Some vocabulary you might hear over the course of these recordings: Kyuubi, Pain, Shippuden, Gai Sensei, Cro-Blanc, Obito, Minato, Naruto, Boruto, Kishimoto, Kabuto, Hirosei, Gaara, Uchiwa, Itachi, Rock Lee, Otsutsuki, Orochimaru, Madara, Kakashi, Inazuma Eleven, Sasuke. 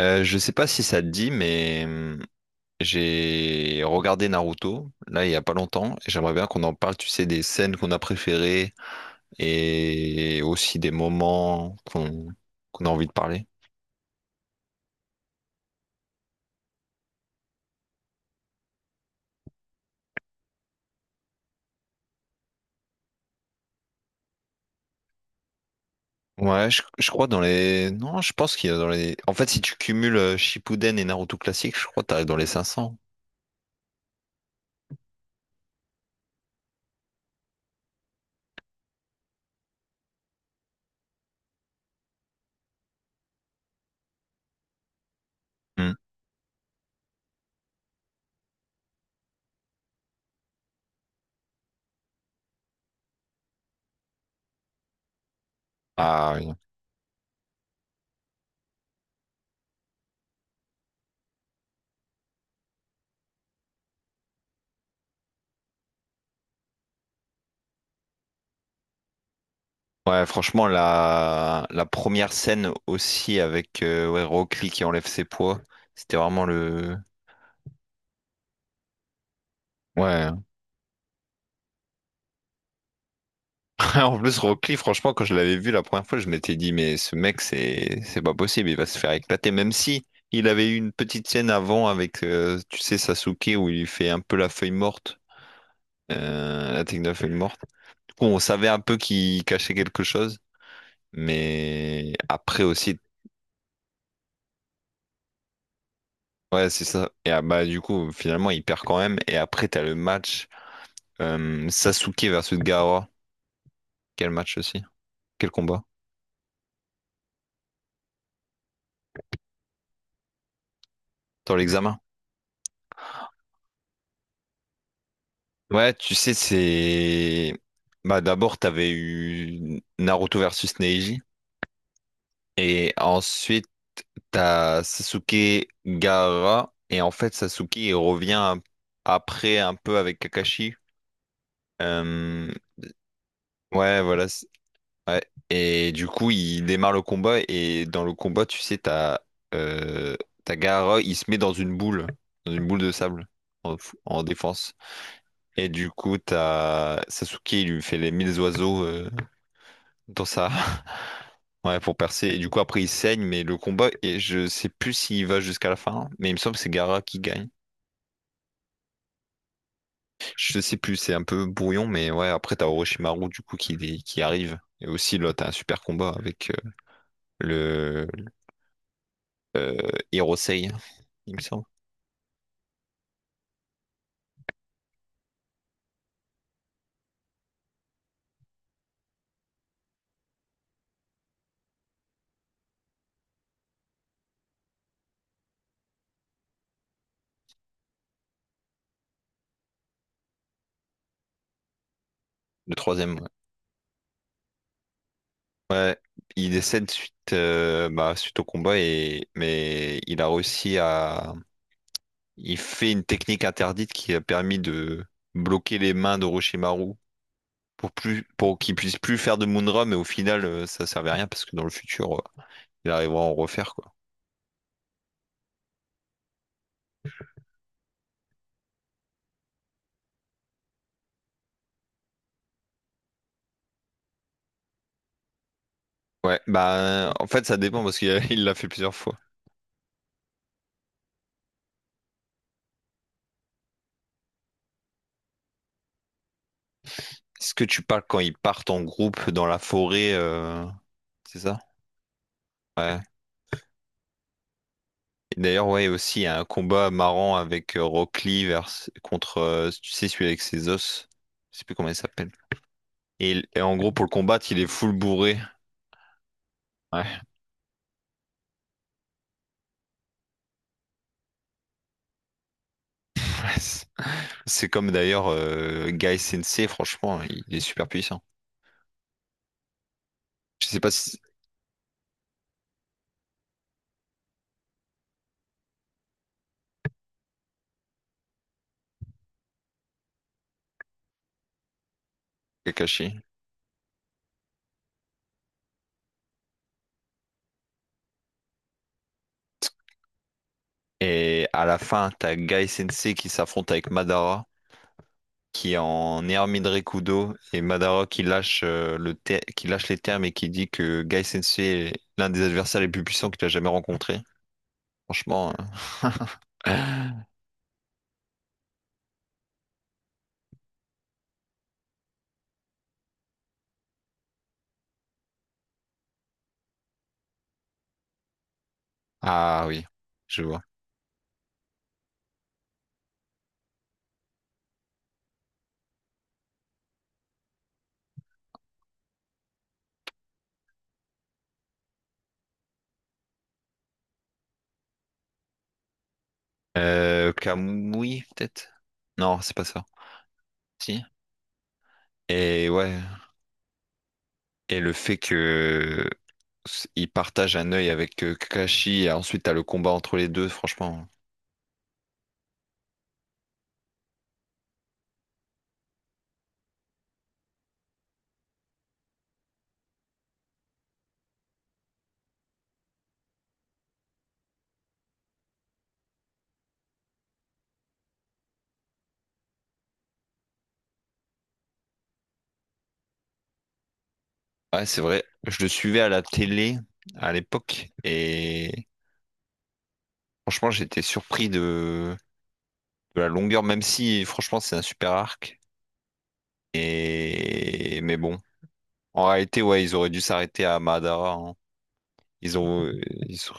Je sais pas si ça te dit, mais j'ai regardé Naruto, là, il y a pas longtemps, et j'aimerais bien qu'on en parle, tu sais, des scènes qu'on a préférées et aussi des moments qu'on qu'on a envie de parler. Ouais, je crois dans les... Non, je pense qu'il y a dans les... En fait, si tu cumules Shippuden et Naruto classique, je crois que t'arrives dans les 500. Hum. Ah oui. Ouais, franchement, la première scène aussi avec ouais, Rock Lee qui enlève ses poids, c'était vraiment le... Ouais. En plus, Rocky, franchement, quand je l'avais vu la première fois, je m'étais dit, mais ce mec, c'est pas possible, il va se faire éclater. Même si il avait eu une petite scène avant avec, tu sais, Sasuke, où il fait un peu la feuille morte, la technique de la feuille morte. Du coup, on savait un peu qu'il cachait quelque chose, mais après aussi, ouais, c'est ça. Et ah, bah, du coup, finalement, il perd quand même. Et après, t'as le match Sasuke versus Gaara. Quel match aussi? Quel combat? Dans l'examen. Ouais, tu sais, c'est... Bah, d'abord, t'avais eu Naruto versus Neji. Et ensuite, t'as Sasuke Gaara. Et en fait, Sasuke, après un peu avec Kakashi. Euh, Ouais, voilà. Ouais. Et du coup, il démarre le combat. Et dans le combat, tu sais, euh... t'as Gaara, il se met dans une boule. Dans une boule de sable. En, en défense. Et du coup, t'as Sasuke, il lui fait les mille oiseaux. Dans sa... Ouais, pour percer. Et du coup, après, il saigne, mais le combat, et je sais plus s'il va jusqu'à la fin, mais il me semble que c'est Gara qui gagne. Je sais plus, c'est un peu brouillon, mais ouais, après, t'as Orochimaru, du coup, qui arrive. Et aussi, là, t'as un super combat avec le euh, Hirosei, il me semble. Le troisième, ouais. Ouais, il décède suite, bah, suite au combat, et... mais il a réussi à... Il fait une technique interdite qui a permis de bloquer les mains d'Orochimaru pour qu'il puisse plus faire de Moonra, mais au final ça servait à rien parce que dans le futur il arrivera à en refaire quoi. Ouais, bah en fait ça dépend parce il l'a fait plusieurs fois. Est-ce que tu parles quand ils partent en groupe dans la forêt, c'est ça? Ouais. Et d'ailleurs, ouais, aussi il y a un combat marrant avec contre, tu sais, celui avec ses os. Je sais plus comment il s'appelle. Et en gros, pour le combattre, il est full bourré. Ouais. C'est comme d'ailleurs Guy Sensei, franchement, il est super puissant. Je sais pas si Kakashi. Et à la fin, t'as Gai Sensei qui s'affronte avec Madara, qui est en Hermine Rekudo, et Madara qui lâche, qui lâche les termes et qui dit que Gai Sensei est l'un des adversaires les plus puissants qu'il a jamais rencontré. Franchement. euh, Ah oui, je vois. Kamui, peut-être? Non, c'est pas ça. Si. Et ouais. Et le fait que il partage un œil avec Kakashi et ensuite t'as le combat entre les deux, franchement. Ouais, c'est vrai. Je le suivais à la télé à l'époque et franchement, j'étais surpris de la longueur, même si franchement, c'est un super arc. Et mais bon, en réalité, ouais, ils auraient dû s'arrêter à Madara, hein. Ils ont, ils, sont-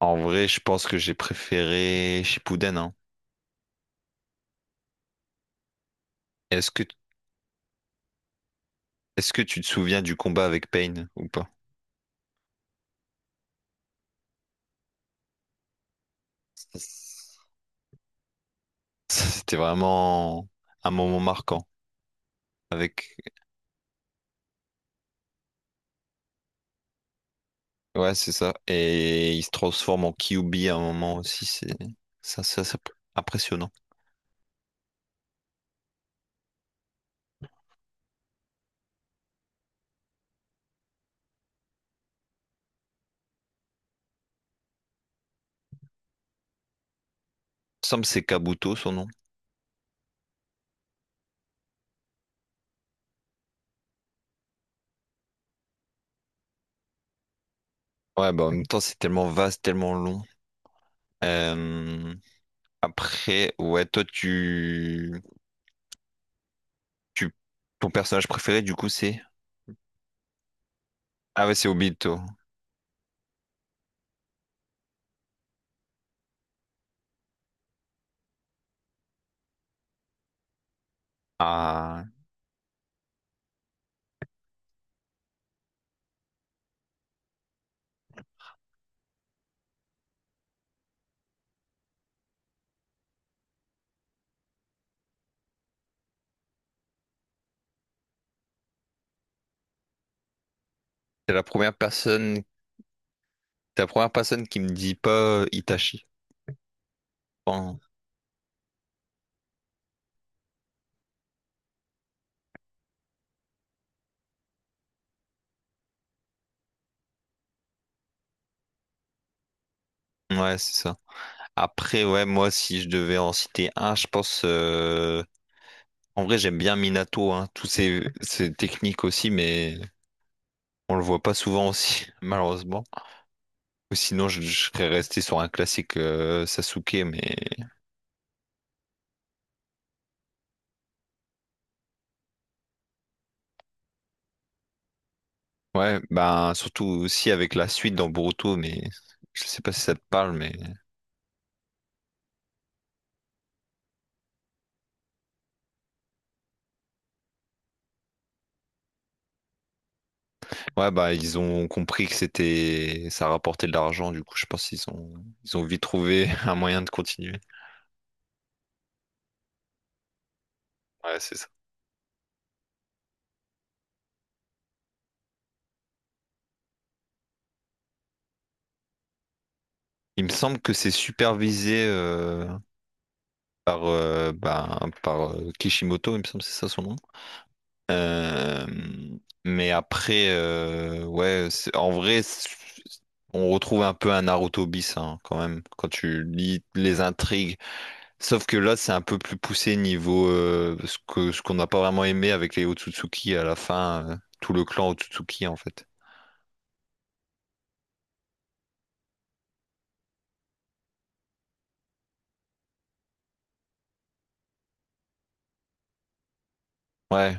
En vrai, je pense que j'ai préféré Shippuden, hein. Est-ce que, est-ce que tu te souviens du combat avec Pain ou pas? Ça, C'était vraiment un moment marquant. Avec... Ouais, c'est ça. Et il se transforme en Kyuubi à un moment aussi. C'est ça, ça, ça- impressionnant. Il me semble que c'est Kabuto son nom. Ouais, bah en même temps, c'est tellement vaste, tellement long. Euh, Après, ouais, toi, tu... ton personnage préféré, du coup, c'est... Ah ouais, c'est Obito. Ah, c'est la première personne, t'es la première personne qui me dit pas Itachi. Enfin, ouais, c'est ça. Après, ouais, moi, si je devais en citer un, je pense. En vrai, j'aime bien Minato, hein, ses techniques aussi, mais on le voit pas souvent aussi, malheureusement. Ou sinon, je serais resté sur un classique Sasuke, mais ouais, ben surtout aussi avec la suite dans Boruto, mais je sais pas si ça te parle, mais. Ouais, bah ils ont compris que c'était ça rapportait de l'argent, du coup je pense qu'ils ont ils ont vite trouvé un moyen de continuer. Ouais, c'est ça. Il me semble que c'est supervisé par euh, bah, par Kishimoto, il me semble que c'est ça son nom. Euh, mais après, ouais, on retrouve un peu un Naruto bis hein, quand même quand tu lis les intrigues. Sauf que là, c'est un peu plus poussé niveau ce qu'on n'a pas vraiment aimé avec les Otsutsuki à la fin, tout le clan Otsutsuki en fait. Ouais.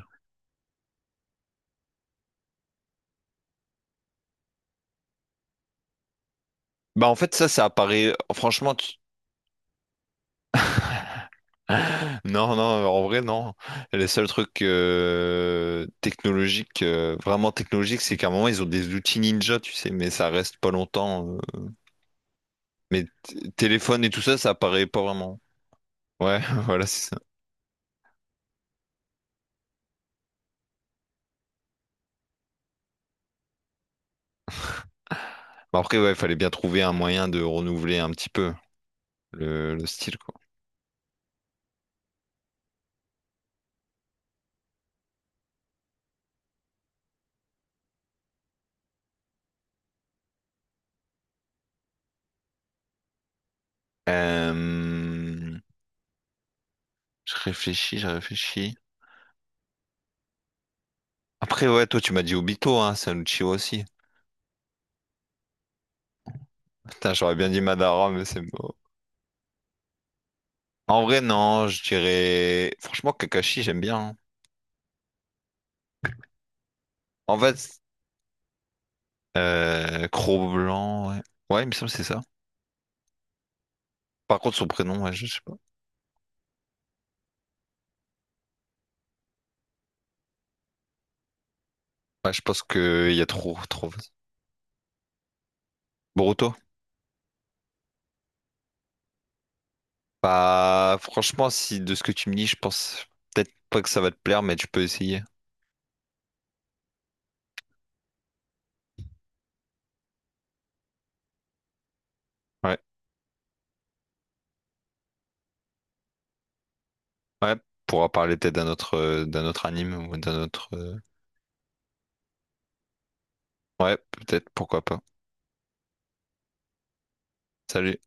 Bah en fait ça, ça apparaît. Non non, en vrai non. Les seuls trucs technologiques, vraiment technologiques, c'est qu'à un moment ils ont des outils ninja, tu sais, mais ça reste pas longtemps, euh. Mais téléphone et tout ça, ça apparaît pas vraiment. Ouais, voilà c'est ça. Bah, après ouais, il fallait bien trouver un moyen de renouveler un petit peu le style quoi. Euh, je réfléchis. Après, ouais, toi, tu m'as dit Obito, hein, c'est un Uchiwa aussi. Putain, j'aurais bien dit Madara, mais c'est mort. En vrai, non, je dirais... Franchement, Kakashi, j'aime bien, hein. En fait, Cro-Blanc, ouais. Ouais, il me semble que c'est ça. Par contre, son prénom, ouais, je sais pas. Ouais, je pense qu'il y a trop, trop... Boruto? Bah, franchement, si de ce que tu me dis, je pense peut-être pas que ça va te plaire, mais tu peux essayer. Ouais, ouais, pourra parler peut-être d'un autre anime ou d'un autre... Ouais, peut-être, pourquoi pas. Salut.